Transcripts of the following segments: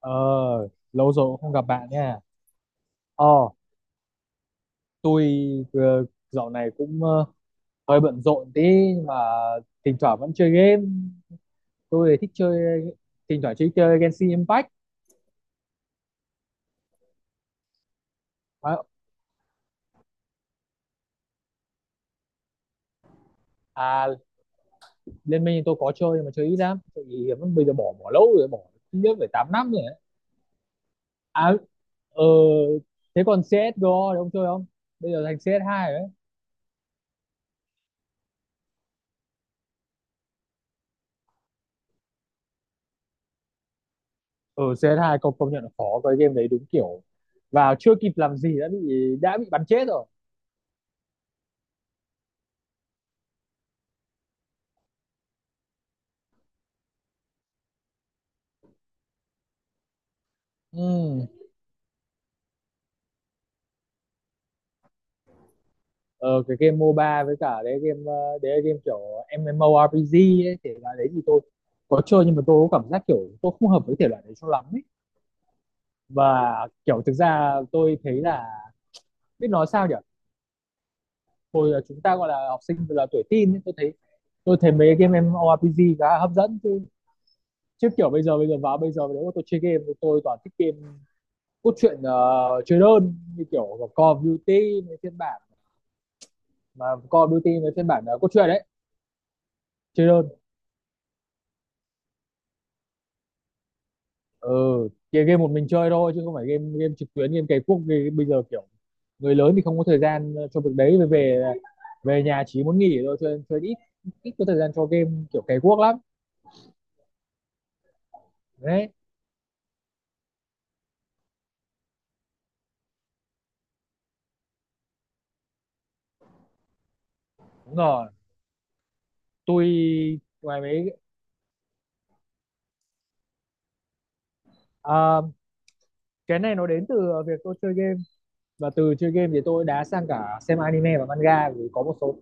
Ờ, lâu rồi cũng không gặp bạn nha. Ờ, tôi vừa- dạo này cũng hơi bận rộn tí nhưng mà thỉnh thoảng vẫn chơi game. Tôi thì thích chơi thỉnh thoảng chơi chơi Genshin Impact. À, à, Liên Minh thì tôi có chơi nhưng mà chơi ít lắm. Tại vì vẫn bây giờ bỏ bỏ lâu rồi, bỏ ít nhất phải 8 năm rồi đấy. À ờ Thế còn CS:GO thì ông chơi không? Bây giờ thành CS2 rồi đấy. Ừ, cs hai công công nhận là khó, cái game đấy đúng kiểu vào chưa kịp làm gì đã bị bắn chết rồi. Ừ. ờ, cái game MOBA với cả đấy game đấy là game kiểu MMORPG ấy, thể loại đấy thì tôi có chơi nhưng mà tôi có cảm giác kiểu tôi không hợp với thể loại đấy cho lắm ấy. Và kiểu thực ra tôi thấy là biết nói sao nhỉ, hồi là chúng ta gọi là học sinh là tuổi teen ấy, tôi thấy mấy game MMORPG khá là hấp dẫn chứ, chứ kiểu bây giờ nếu mà tôi chơi game thì tôi toàn thích game cốt truyện, chơi đơn như kiểu Call of Duty với phiên bản mà Call of Duty với phiên bản cốt truyện đấy, chơi đơn. Ừ, chơi game một mình chơi thôi chứ không phải game game trực tuyến game cày cuốc game, bây giờ kiểu người lớn thì không có thời gian cho việc đấy, về về về nhà chỉ muốn nghỉ thôi, cho nên chơi ít, ít có thời gian cho game kiểu cày cuốc lắm. Đấy, đúng rồi. Tôi ngoài mấy, à, cái này nó đến từ việc tôi chơi game, và từ chơi game thì tôi đã sang cả xem anime và manga vì có một số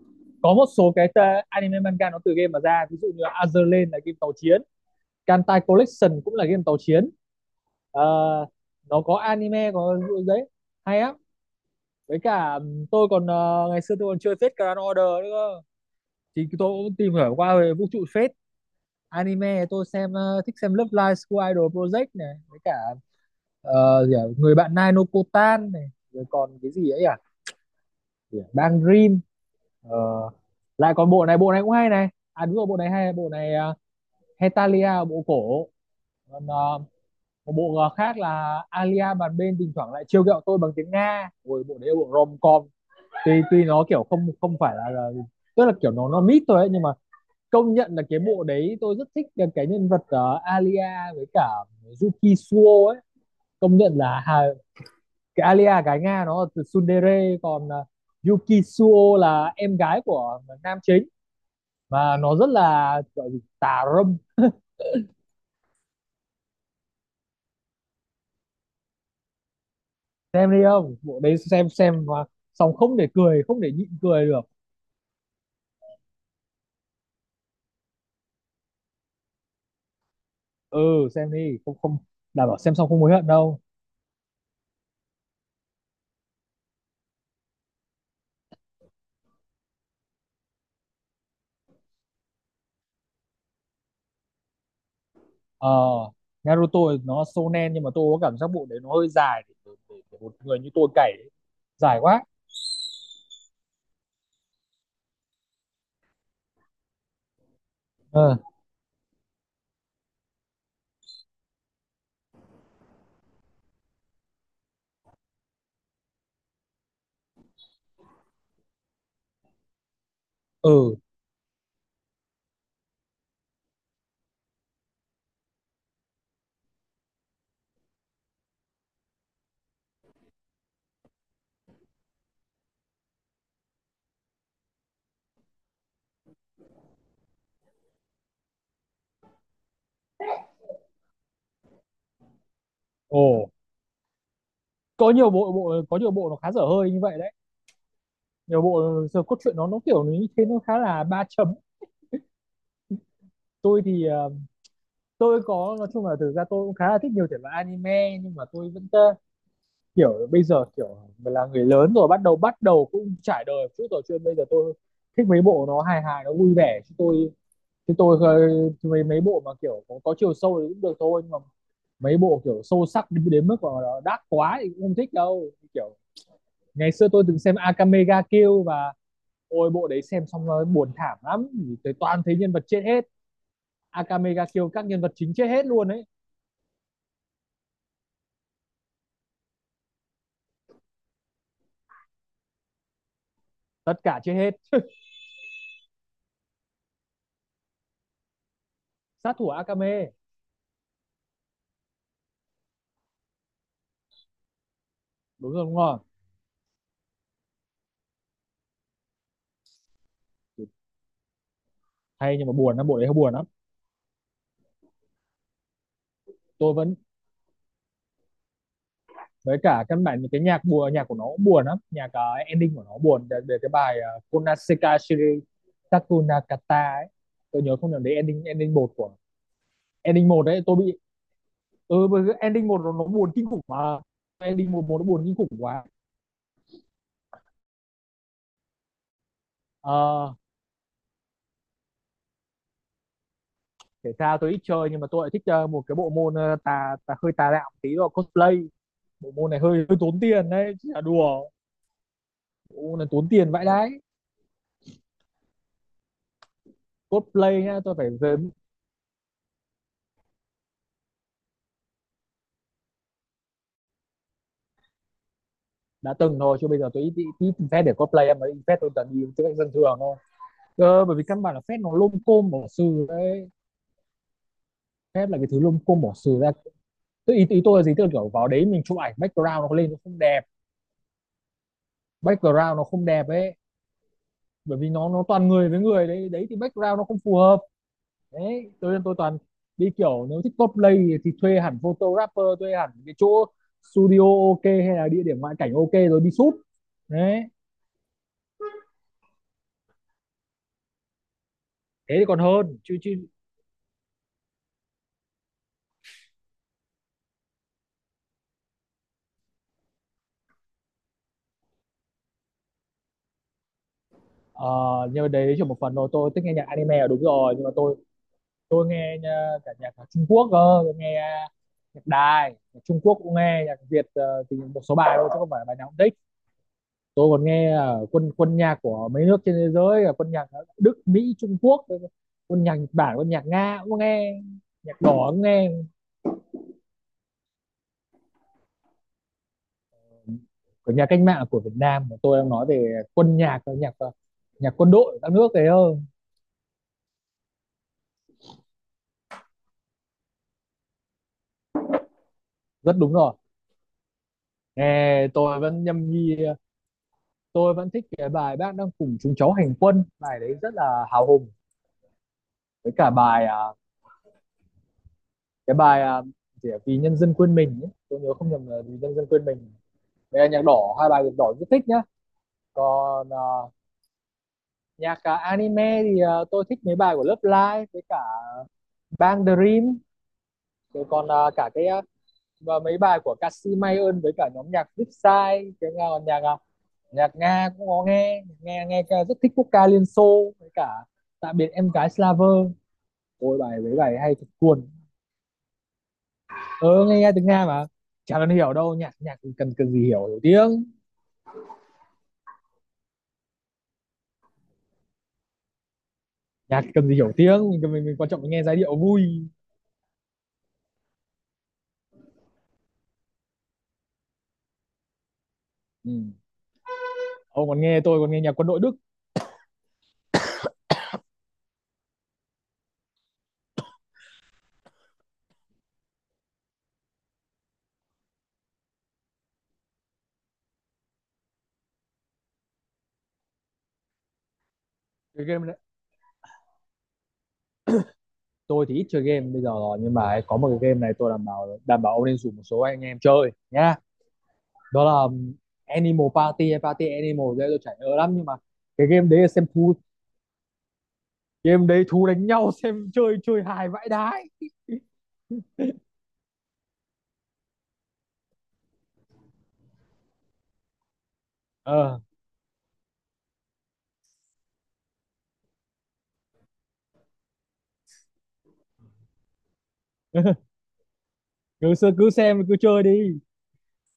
cái anime manga nó từ game mà ra, ví dụ như Azur Lane là game tàu chiến, Kantai Collection cũng là game tàu chiến. Ờ, nó có anime có, đấy, hay lắm. Với cả tôi còn ngày xưa tôi còn chơi Fate Grand Order nữa cơ. Thì tôi cũng tìm hiểu qua về vũ trụ Fate. Anime tôi xem thích xem Love Live School Idol Project này, với cả ờ, gì à? Người bạn Nai no Kotan này, rồi còn cái gì ấy à, gì à? Bang Dream. Ờ, lại còn bộ này, bộ này cũng hay này, à đúng rồi bộ này hay, bộ này Hetalia bộ cổ, còn một bộ khác là Alia bàn bên thỉnh thoảng lại trêu ghẹo tôi bằng tiếng Nga. Ôi, bộ đấy là bộ rom com, tuy tuy nó kiểu không không phải là, tức là kiểu nó mít thôi ấy, nhưng mà công nhận là cái bộ đấy tôi rất thích cái nhân vật Alia với cả Yuki Suo ấy, công nhận là hà, cái Alia gái Nga nó là từ tsundere, còn Yuki Suo là em gái của nam chính và nó rất là gọi gì tà râm. Xem đi, không bộ đấy xem mà, xong không để cười không để nhịn cười được. Ừ, xem đi, không không đảm bảo xem xong không hối hận đâu. Ờ, Naruto nó shonen nhưng mà tôi có cảm giác bộ đấy nó hơi dài để, một người như tôi cày ấy. Dài quá. Ờ. Ừ. Ồ, có nhiều bộ, có nhiều bộ nó khá dở hơi như vậy đấy, nhiều bộ giờ cốt truyện nó kiểu như thế nó khá là ba chấm. Tôi thì tôi có nói chung là thực ra tôi cũng khá là thích nhiều thể loại anime, nhưng mà tôi vẫn kiểu bây giờ kiểu mình là người lớn rồi, bắt đầu cũng trải đời một chút rồi, chứ bây giờ tôi thích mấy bộ nó hài hài nó vui vẻ, chứ tôi mấy mấy bộ mà kiểu có, chiều sâu thì cũng được thôi, nhưng mà mấy bộ kiểu sâu sắc đến, mức mà nó đắt quá thì cũng không thích đâu. Kiểu ngày xưa tôi từng xem Akame ga Kill, và ôi bộ đấy xem xong nó buồn thảm lắm, tới toàn thấy nhân vật chết hết. Akame ga Kill các nhân vật chính chết hết luôn ấy, tất cả chết hết. Sát thủ Akame. Đúng rồi, đúng rồi. Hay nhưng mà buồn lắm, bộ đấy hơi buồn lắm. Tôi vẫn với cả căn bản những cái nhạc buồn, nhạc của nó cũng buồn lắm, nhạc ending của nó buồn, để, cái bài Konaseka Shiri Takunakata ấy, tôi nhớ không nhầm đấy, ending ending một của, ending một đấy tôi bị. Ừ, bởi ending một nó, buồn kinh khủng mà, ending một một nó buồn kinh khủng quá. Ờ, thể thao tôi ít chơi nhưng mà tôi lại thích một cái bộ môn tà hơi tà đạo tí, đó cosplay, bộ môn này hơi hơi tốn tiền đấy chứ là đùa, bộ môn này tốn tiền vãi đái. Cosplay nhá, tôi phải đã từng thôi, chứ bây giờ tôi ít, phép để cosplay em ấy phép tôi toàn đi tư cách dân thường thôi. Ờ, bởi vì căn bản là phép nó lôm côm bỏ sừ đấy, phép là cái thứ lôm côm bỏ sừ ra. Tôi ý tôi là gì, tôi kiểu vào đấy mình chụp ảnh background nó lên nó không đẹp, background nó không đẹp ấy, bởi vì nó toàn người với người đấy, đấy thì background nó không phù hợp. Đấy tôi nên tôi toàn đi kiểu nếu thích cosplay thì thuê hẳn photographer, thuê hẳn cái chỗ studio ok, hay là địa điểm ngoại cảnh ok rồi đi shoot đấy, thế thì còn hơn chứ chứ Ờ, nhưng mà đấy chỉ một phần thôi, tôi thích nghe nhạc anime là đúng rồi, nhưng mà tôi nghe cả nhạc Trung Quốc cơ, tôi nghe nhạc Đài, nhạc Trung Quốc cũng nghe, nhạc Việt thì một số bài thôi chứ không phải bài nào cũng thích. Tôi còn nghe quân quân nhạc của mấy nước trên thế giới, là quân nhạc Đức, Mỹ, Trung Quốc, quân nhạc Nhật Bản, quân nhạc Nga cũng nghe, nhạc đỏ cũng nghe. Của nhà cách mạng của Việt Nam, tôi đang nói về quân nhạc nhạc nhạc quân đội các nước thế thôi. Rất đúng rồi, nghe tôi vẫn nhâm nhi. Tôi vẫn thích cái bài Bác Đang Cùng Chúng Cháu Hành Quân, bài đấy rất là hào hùng, với cả bài à, cái bài à, gì ạ? Vì Nhân Dân Quên Mình ấy, tôi nhớ không nhầm là Vì Nhân Dân Quên Mình, với cả nhạc đỏ, 2 bài nhạc đỏ rất thích nhá. Còn nhạc anime thì tôi thích mấy bài của Love Live với cả Bang Dream, rồi còn và mấy bài của ca sĩ Mai Ơn với cả nhóm nhạc Vipsai, cái nhà nhạc nhạc Nga cũng có nghe, nghe rất thích quốc ca Liên Xô với cả Tạm Biệt Em Gái Slaver. Ôi bài, mấy bài hay thật cuồn. Ơ ờ nghe, nghe tiếng Nga mà, chả cần hiểu đâu, nhạc nhạc cần cần gì hiểu, tiếng, nhạc cần gì hiểu tiếng, mình quan trọng mình nghe giai điệu vui. Ừ. Ông còn nghe tôi còn nghe nhạc quân đội Đức. Cái game đấy, tôi thì ít chơi game bây giờ rồi, nhưng mà có một cái game này tôi đảm bảo, ông nên rủ một số anh em chơi nhá, đó là Animal Party hay Party Animal đấy, tôi chảy nhớ lắm nhưng mà cái game đấy là xem thú, game đấy thú đánh nhau. Xem chơi, chơi hài vãi đái. Ờ à. Cứ cứ xem cứ chơi đi,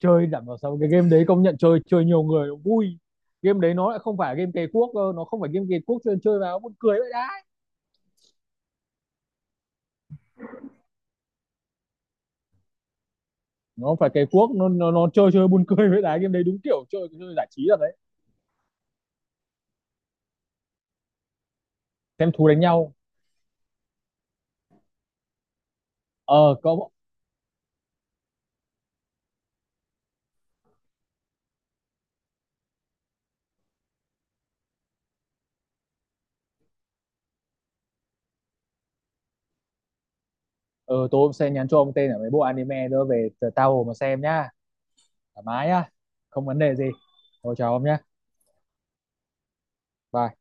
chơi đảm bảo sao cái game đấy công nhận chơi, chơi nhiều người vui. Game đấy nó lại không phải game cày cuốc, nó không phải game cày cuốc, chơi chơi vào buồn cười vậy đấy, nó phải cày cuốc, nó, chơi chơi buồn cười vậy đấy, game đấy đúng kiểu chơi chơi giải trí rồi đấy. Xem thú đánh nhau. Ờ có. Ờ tôi sẽ nhắn cho ông tên ở mấy bộ anime nữa về tao hồ mà xem nhá, thoải mái nhá, không vấn đề gì. Thôi chào ông nhá. Bye.